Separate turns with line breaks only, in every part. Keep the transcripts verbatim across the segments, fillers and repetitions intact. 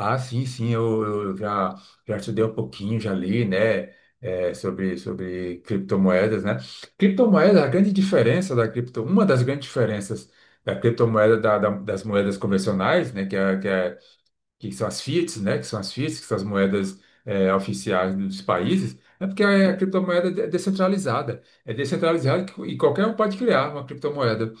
Ah, sim, sim, eu, eu já, já estudei um pouquinho, já li, né, é, sobre, sobre criptomoedas, né? Criptomoeda, a grande diferença da cripto, uma das grandes diferenças da criptomoeda da- da- das moedas convencionais, né, que, é, que, é, que são as fiats, né, que são as fiats, que são as moedas é, oficiais dos países, é porque é a criptomoeda é descentralizada, é descentralizada E qualquer um pode criar uma criptomoeda.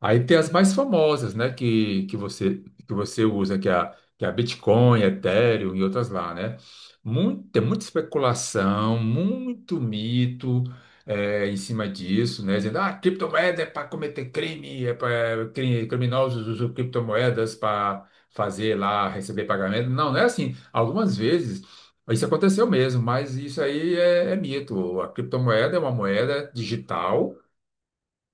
Aí tem as mais famosas, né, que, que você que você usa, que é a, que é a Bitcoin, Ethereum e outras lá, né? Muito, Tem muita especulação, muito mito é, em cima disso, né? Dizendo, ah, criptomoeda é para cometer crime, é para criminosos usam criptomoedas para fazer lá, receber pagamento. Não, não é assim. Algumas vezes isso aconteceu mesmo, mas isso aí é, é mito. A criptomoeda é uma moeda digital,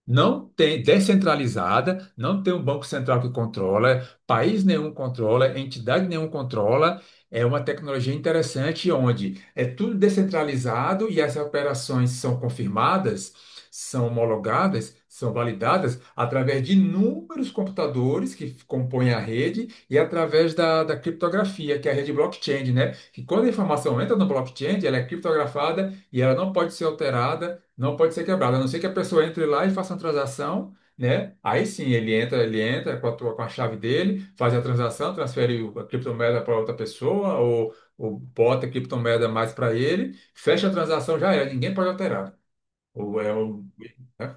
não tem, descentralizada, não tem um banco central que controla, país nenhum controla, entidade nenhum controla. É uma tecnologia interessante onde é tudo descentralizado e as operações são confirmadas, são homologadas, são validadas através de inúmeros computadores que compõem a rede e através da, da criptografia, que é a rede blockchain, né? Que quando a informação entra no blockchain, ela é criptografada e ela não pode ser alterada, não pode ser quebrado, a não ser que a pessoa entre lá e faça uma transação, né? Aí sim, ele entra, ele entra com a, tua- com a chave dele, faz a transação, transfere o- a criptomoeda para outra pessoa, ou, ou bota a criptomoeda mais para ele, fecha a transação, já era, ninguém pode alterar. Ou é o, né?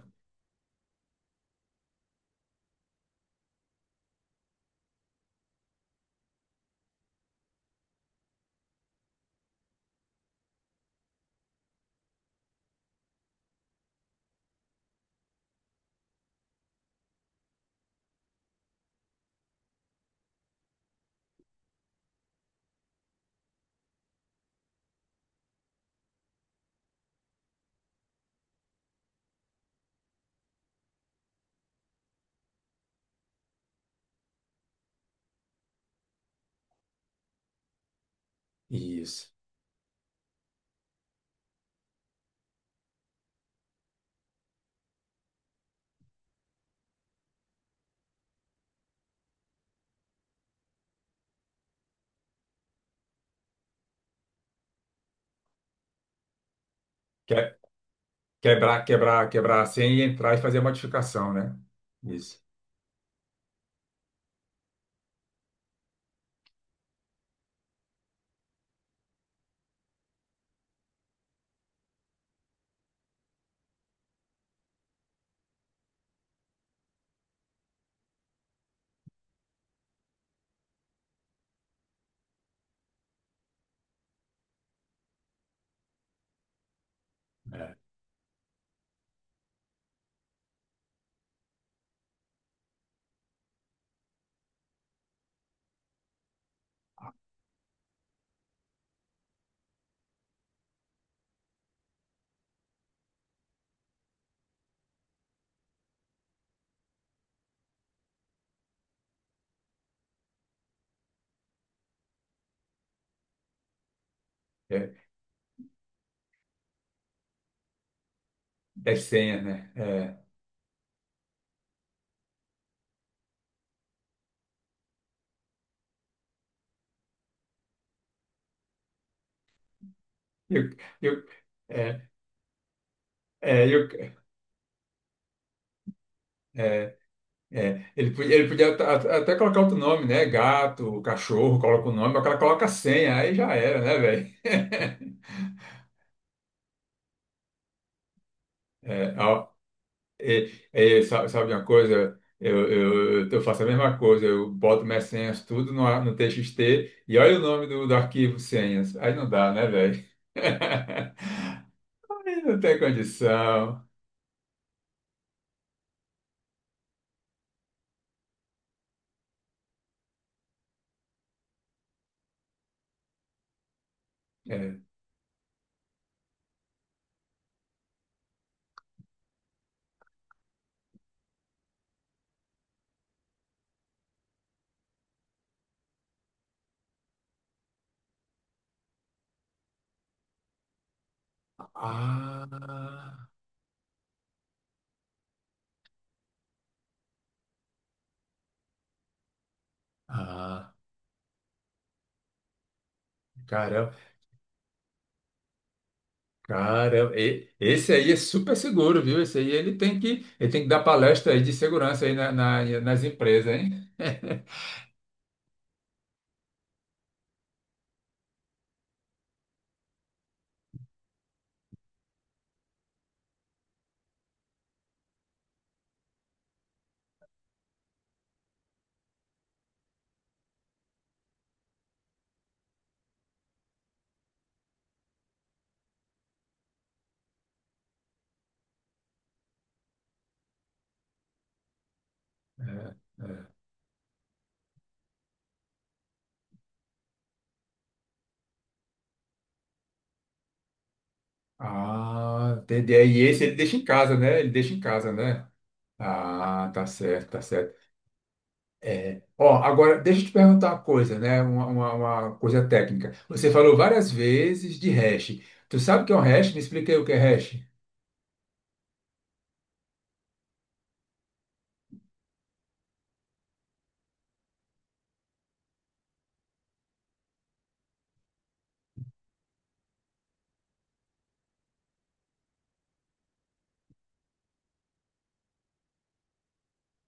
Isso. Que- é, Quebrar, quebrar, quebrar a senha e entrar e fazer a modificação, né? Isso. É, é, é senha, né? É. Eu, eu, é, é, eu, é, É, ele, podia- ele podia at- at- até colocar outro nome, né? Gato, cachorro, coloca o nome, mas o cara coloca a senha, aí já era, né, velho? É, ó, e- e sa- sabe uma coisa? Eu, eu, eu faço a mesma coisa, eu boto minhas senhas tudo no, a- no T X T, e olha o nome do, do arquivo: senhas. Aí não dá, né, velho? Aí não tem condição. É. Ah, ah, caramba. Cara, e- esse aí é super seguro, viu? Esse aí ele tem que, ele tem que dar palestra aí de segurança aí na- na- nas empresas, hein? É. Ah, entendi. E esse ele deixa em casa, né? Ele deixa em casa, né? Ah, tá certo, tá certo. É. Ó, agora deixa eu te perguntar uma coisa, né? Uma, uma- uma coisa técnica. Você falou várias vezes de hash. Tu sabe o que é um hash? Me explica aí o que é hash.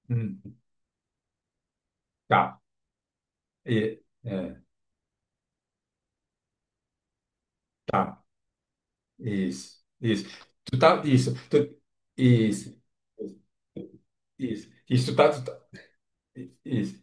Hum, tá. E- é. Tá. Isso, isso. Tu tá, isso, tu, isso, isso, isso. Tu tá, tu tá- isso.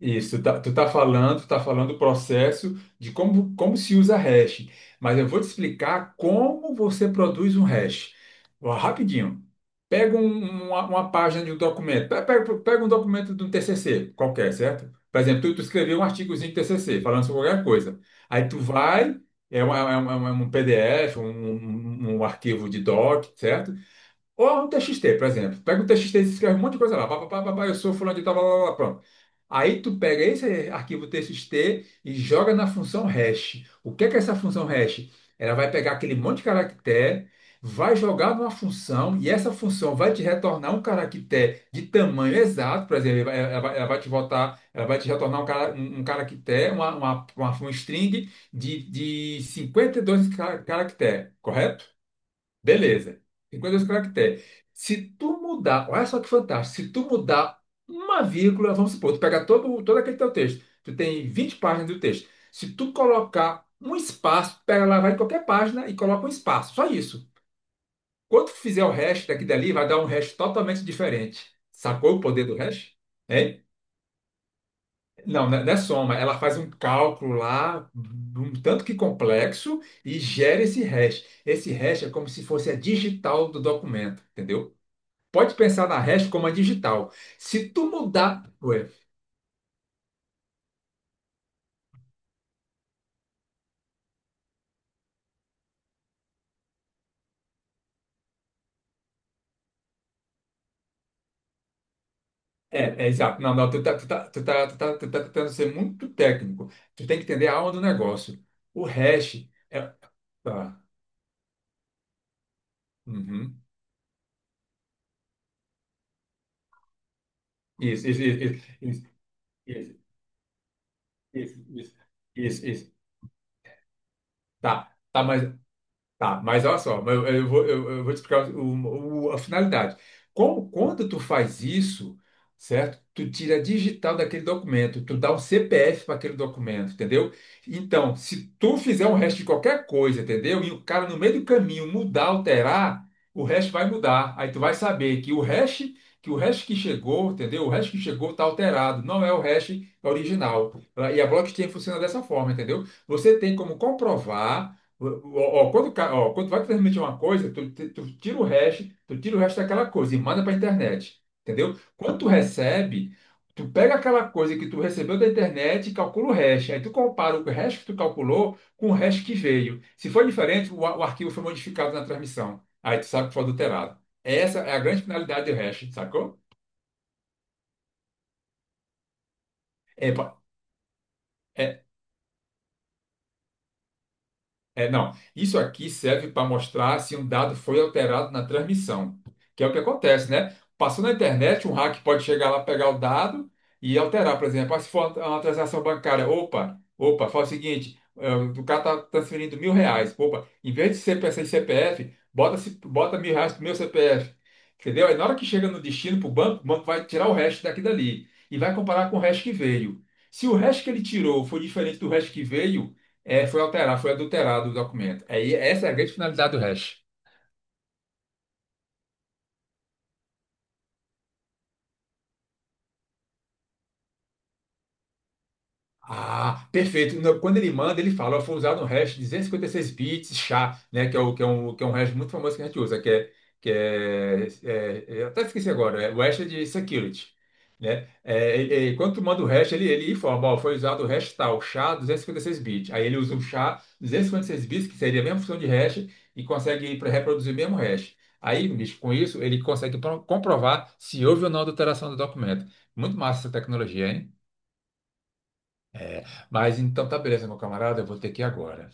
Isso, tá- tu tá falando, tu tá falando o processo de como, como se usa hash, mas eu vou te explicar como você produz um hash. Ó, rapidinho. Pega um- uma, uma página de um documento, pe- pe- pega um documento de um T C C qualquer, certo? Por exemplo, tu, tu escreveu um artigozinho de T C C falando sobre qualquer coisa. Aí tu vai, é, uma- é uma- é um P D F, um, um um um arquivo de doc, certo? Ou um T X T, por exemplo. Pega um T X T e escreve um monte de coisa lá. Pá, pá, pá, pá, pá, eu sou fulano de tal, blá, blá, blá, pronto. Aí tu pega esse arquivo T X T e joga na função hash. O que é que é essa função hash? Ela vai pegar aquele monte de caractere, vai jogar numa função, e essa função vai te retornar um caractere de tamanho exato. Por exemplo, ela ela vai, ela vai te voltar, ela vai te retornar um, cara, um um caractere, uma, uma, uma, um string de, de cinquenta e dois ca- caractere, correto? Beleza. cinquenta e dois caracteres. Se tu mudar, olha só que fantástico. Se tu mudar uma vírgula, vamos supor, tu pega todo, todo, aquele teu texto, tu tem vinte páginas do texto. Se tu colocar um espaço, tu pega lá, vai em qualquer página e coloca um espaço, só isso. Quando tu fizer o hash daqui e dali, vai dar um hash totalmente diferente. Sacou o poder do hash? Hein? Não, não é não é soma. Ela faz um cálculo lá, um tanto que complexo, e gera esse hash. Esse hash é como se fosse a digital do documento, entendeu? Pode pensar na REST como a digital. Se tu mudar. Ué, é, é exato. Não, não, tu tá, tu tá, tu tá, tu tá, tu tá tentando ser muito técnico. Tu tem que entender a alma do negócio. O hash é. Tá. Uhum. Isso, isso, isso, isso, isso, isso, isso, isso, isso. Tá. Tá, mas Tá, mas olha só, mas eu, eu vou, eu, eu vou te explicar o- o- a finalidade. Como, quando tu faz isso, certo? Tu tira a digital daquele documento, tu dá um C P F para aquele documento, entendeu? Então, se tu fizer um resto de qualquer coisa, entendeu? E o cara no meio do caminho mudar, alterar, o resto vai mudar. Aí tu vai saber que o hash, que o hash que chegou, entendeu? O hash que chegou está alterado, não é o hash original. E a blockchain funciona dessa forma, entendeu? Você tem como comprovar. Ó, ó, quando, ca- ó, quando vai transmitir uma coisa, tu, ti- tu tira o hash, tu tira o hash daquela coisa e manda para a internet, entendeu? Quando tu recebe, tu pega aquela coisa que tu recebeu da internet e calcula o hash. Aí tu compara o hash que tu calculou com o hash que veio. Se for diferente, o, a- o arquivo foi modificado na transmissão. Aí tu sabe que foi adulterado. Essa é a grande finalidade do hash, sacou? É, pa- É, não. Isso aqui serve para mostrar se um dado foi alterado na transmissão, que é o que acontece, né? Passou na internet, um hack pode chegar lá, pegar o dado e alterar, por exemplo. Ah, se for uma transação bancária, opa, opa, faz o seguinte, eh, o cara tá transferindo mil reais, opa, em vez de ser para esse C P F, bota, -se, bota mil reais pro meu C P F, entendeu? Aí na hora que chega no destino, pro banco, o banco vai tirar o resto daqui e dali e vai comparar com o resto que veio. Se o resto que ele tirou foi diferente do resto que veio, é, foi alterado, foi adulterado o documento. Aí essa é a grande finalidade do hash. Ah, perfeito. No- Quando ele manda, ele fala, ó, foi usado um hash duzentos e cinquenta e seis bits S H A, né, que é, o, que, é um, que é um hash muito famoso que a gente usa, que é, que é, é- é, eu até esqueci agora, é o hash de security, né? É, e- e quando tu manda o hash, ele, ele informa, ó, foi usado o hash tal, S H A duzentos e cinquenta e seis bits. Aí ele usa o xá duzentos e cinquenta e seis bits, que seria a mesma função de hash, e consegue pra- reproduzir o mesmo hash. Aí, bicho, com isso, ele consegue pro- comprovar se houve ou não adulteração do documento. Muito massa essa tecnologia, hein? É, mas então tá beleza, meu camarada, eu vou ter que ir agora.